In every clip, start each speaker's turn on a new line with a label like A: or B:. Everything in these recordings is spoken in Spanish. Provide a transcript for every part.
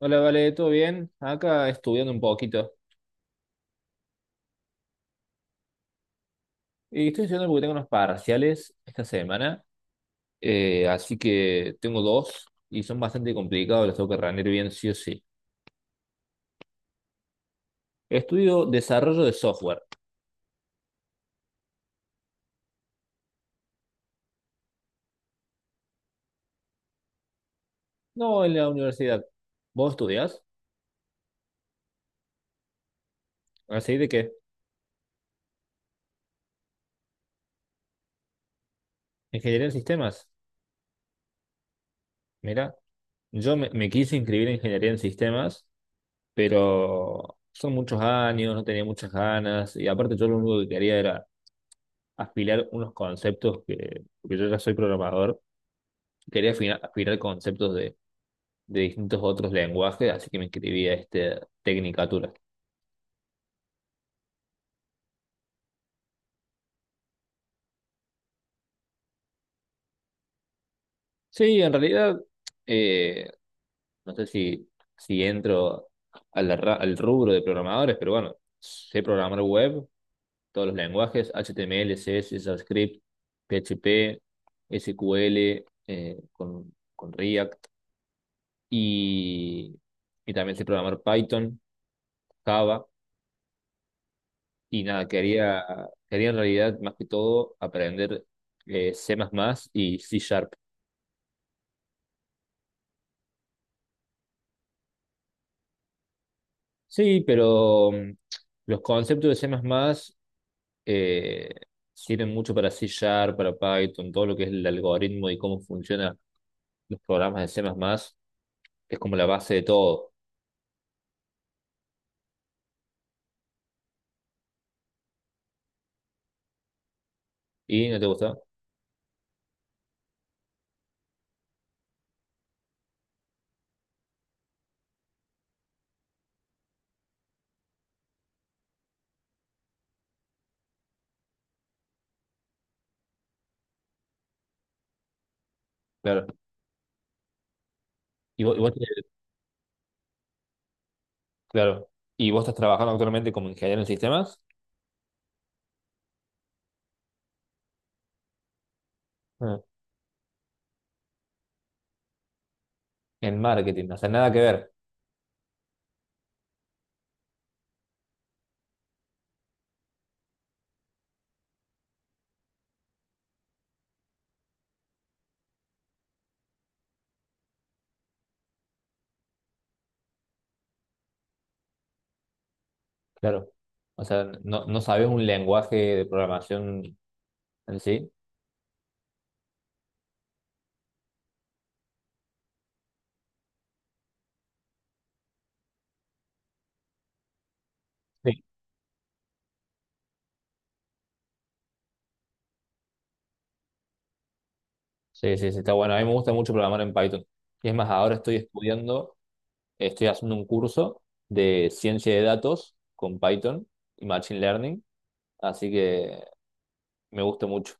A: Hola, vale, ¿todo bien? Acá estudiando un poquito. Y estoy estudiando porque tengo unos parciales esta semana, así que tengo dos y son bastante complicados, los tengo que rendir bien sí o sí. Estudio desarrollo de software, no en la universidad. ¿Vos estudias? ¿Así de qué? ¿Ingeniería en sistemas? Mira, yo me quise inscribir en ingeniería en sistemas, pero son muchos años, no tenía muchas ganas y aparte yo lo único que quería era aspirar unos conceptos que, porque yo ya soy programador quería afinar conceptos de distintos otros lenguajes, así que me escribí a este Tecnicatura. Sí, en realidad, eh, no sé si, entro al rubro de programadores, pero bueno, sé programar web, todos los lenguajes, HTML, CSS, JavaScript, PHP, SQL, con React, y, y también sé programar Python, Java. Y nada, quería en realidad más que todo aprender C++ y C Sharp. Sí, pero los conceptos de C++ eh, sirven mucho para C Sharp, para Python, todo lo que es el algoritmo y cómo funcionan los programas de C++. Es como la base de todo. ¿Y no te gusta? Claro. ¿Y vos, y vos- claro. ¿Y vos estás trabajando actualmente como ingeniero en sistemas? Ah. En marketing, o sea, nada que ver. Claro. O sea, no, no sabes un lenguaje de programación en sí. Sí. Sí, sí, sí, está bueno. A mí me gusta mucho programar en Python. Y es más, ahora estoy estudiando, estoy haciendo un curso de ciencia de datos con Python y Machine Learning, así que me gusta mucho.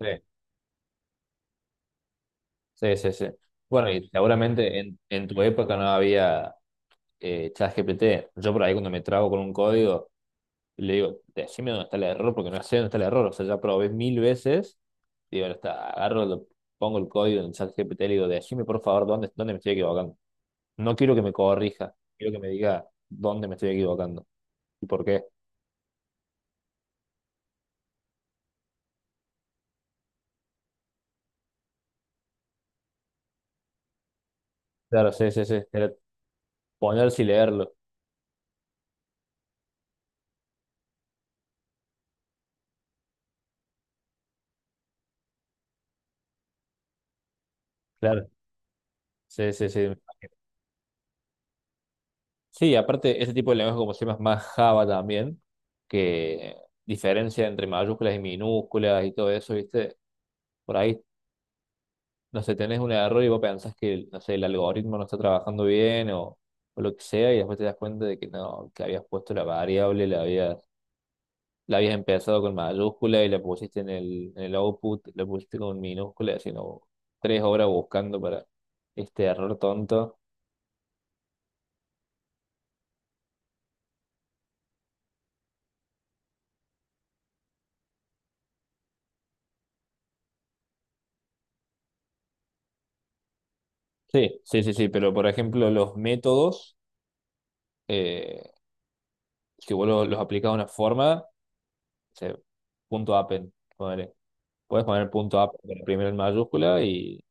A: Sí. Sí, sí, sí. Bueno, y seguramente en tu época no había ChatGPT. Yo por ahí cuando me trago con un código, le digo, decime dónde está el error, porque no sé dónde está el error. O sea, ya probé mil veces. Digo, ahora está, agarro, pongo el código en el chat GPT y le digo, decime por favor dónde me estoy equivocando. No quiero que me corrija, quiero que me diga dónde me estoy equivocando y por qué. Claro, sí, sí, sí. Era ponerse y leerlo. Claro, sí, sí, sí. Sí, aparte, ese tipo de lenguaje como se llama más Java también, que diferencia entre mayúsculas y minúsculas y todo eso, ¿viste? Por ahí no sé, tenés un error y vos pensás que, no sé, el algoritmo no está trabajando bien o lo que sea, y después te das cuenta de que no, que habías puesto la variable, la habías empezado con mayúscula y la pusiste en el output, la pusiste con minúscula, sino 3 horas buscando para este error tonto. Sí, sí, sí, sí, pero por ejemplo, los métodos, eh, si vos los aplicas de una forma, o sea, punto append, ponele. Puedes poner punto append con la primera en mayúscula y,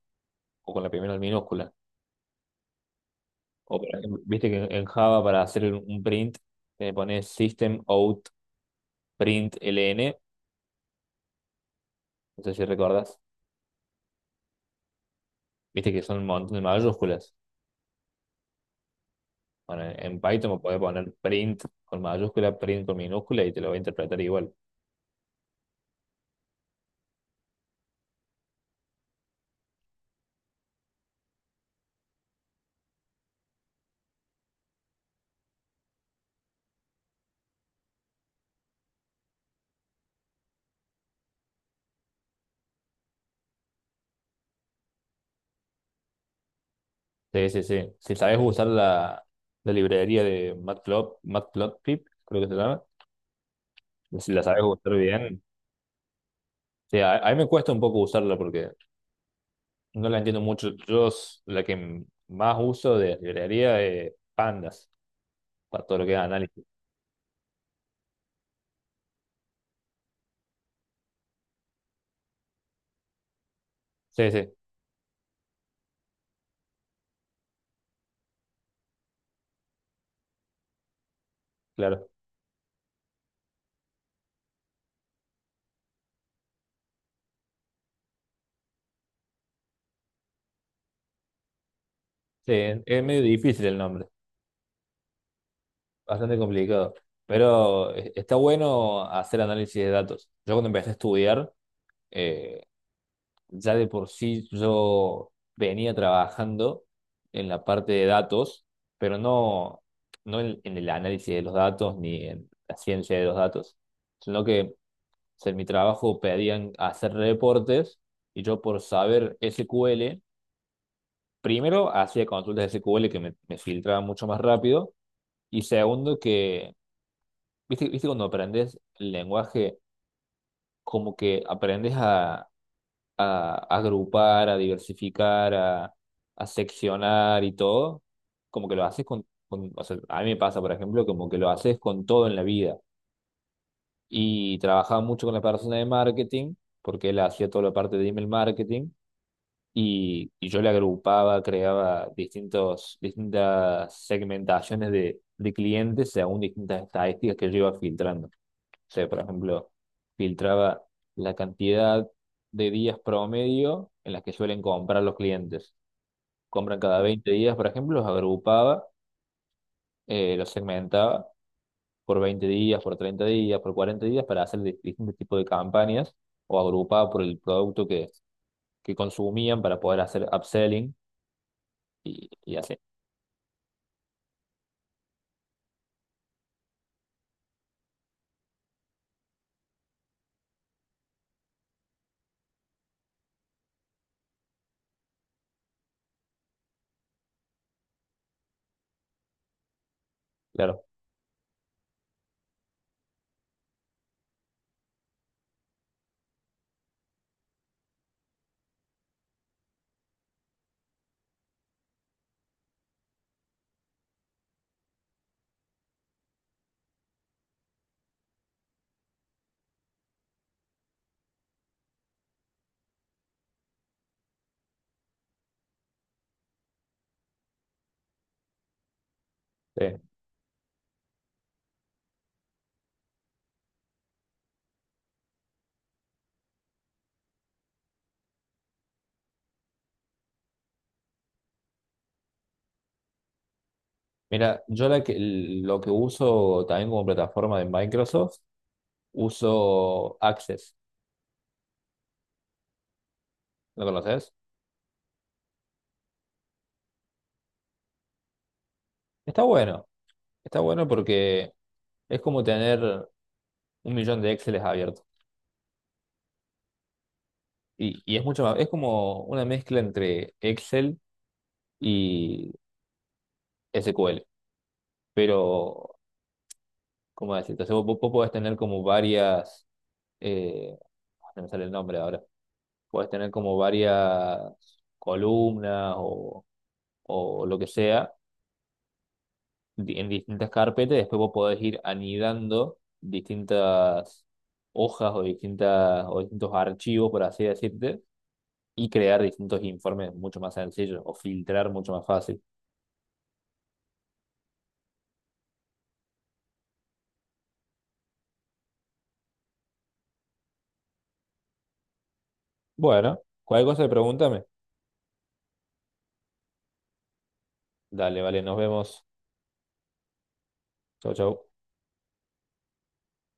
A: o con la primera en minúscula. O por ejemplo, viste que en Java para hacer un print le pones system out print ln, no sé si recordás, viste que son un montón de mayúsculas. Bueno, en Python me podés poner print con mayúscula, print con minúscula y te lo va a interpretar igual. Sí, sí, sí. Si sabes usar la librería de Matplotlib, Matplotlib, creo que se llama, si la sabes usar bien. Sí, a mí me cuesta un poco usarla porque no la entiendo mucho. Yo la que más uso de librería es Pandas para todo lo que es análisis. Sí, sí, claro. Sí, es medio difícil el nombre, bastante complicado, pero está bueno hacer análisis de datos. Yo cuando empecé a estudiar, eh, ya de por sí yo venía trabajando en la parte de datos, pero no en el análisis de los datos ni en la ciencia de los datos, sino que o sea, en mi trabajo pedían hacer reportes y yo por saber SQL, primero hacía consultas de SQL que me filtraban mucho más rápido. Y segundo que, viste, viste cuando aprendes el lenguaje, como que aprendes a agrupar, a diversificar, a seccionar y todo, como que lo haces o sea, a mí me pasa, por ejemplo, como que lo haces con todo en la vida. Y trabajaba mucho con la persona de marketing, porque él hacía toda la parte de email marketing, y yo le agrupaba, creaba distintas segmentaciones de clientes según distintas estadísticas que yo iba filtrando. Sea, por ejemplo, filtraba la cantidad de días promedio en las que suelen comprar los clientes. Compran cada 20 días, por ejemplo, los agrupaba, los segmentaba por 20 días, por 30 días, por 40 días para hacer distintos tipos de campañas o agrupaba por el producto que consumían para poder hacer upselling y así. Claro. Sí. Mira, yo lo que uso también como plataforma de Microsoft, uso Access. ¿Lo conoces? Está bueno. Está bueno porque es como tener un millón de Exceles abiertos. Y es mucho más, es como una mezcla entre Excel y SQL. Pero, ¿cómo decirte? O sea, vos podés tener como varias, eh, ah, no me sale el nombre ahora, podés tener como varias columnas o lo que sea en distintas carpetas. Después vos podés ir anidando distintas hojas o distintos archivos, por así decirte y crear distintos informes mucho más sencillos o filtrar mucho más fácil. Bueno, cualquier cosa, pregúntame. Dale, vale, nos vemos. Chau, chau.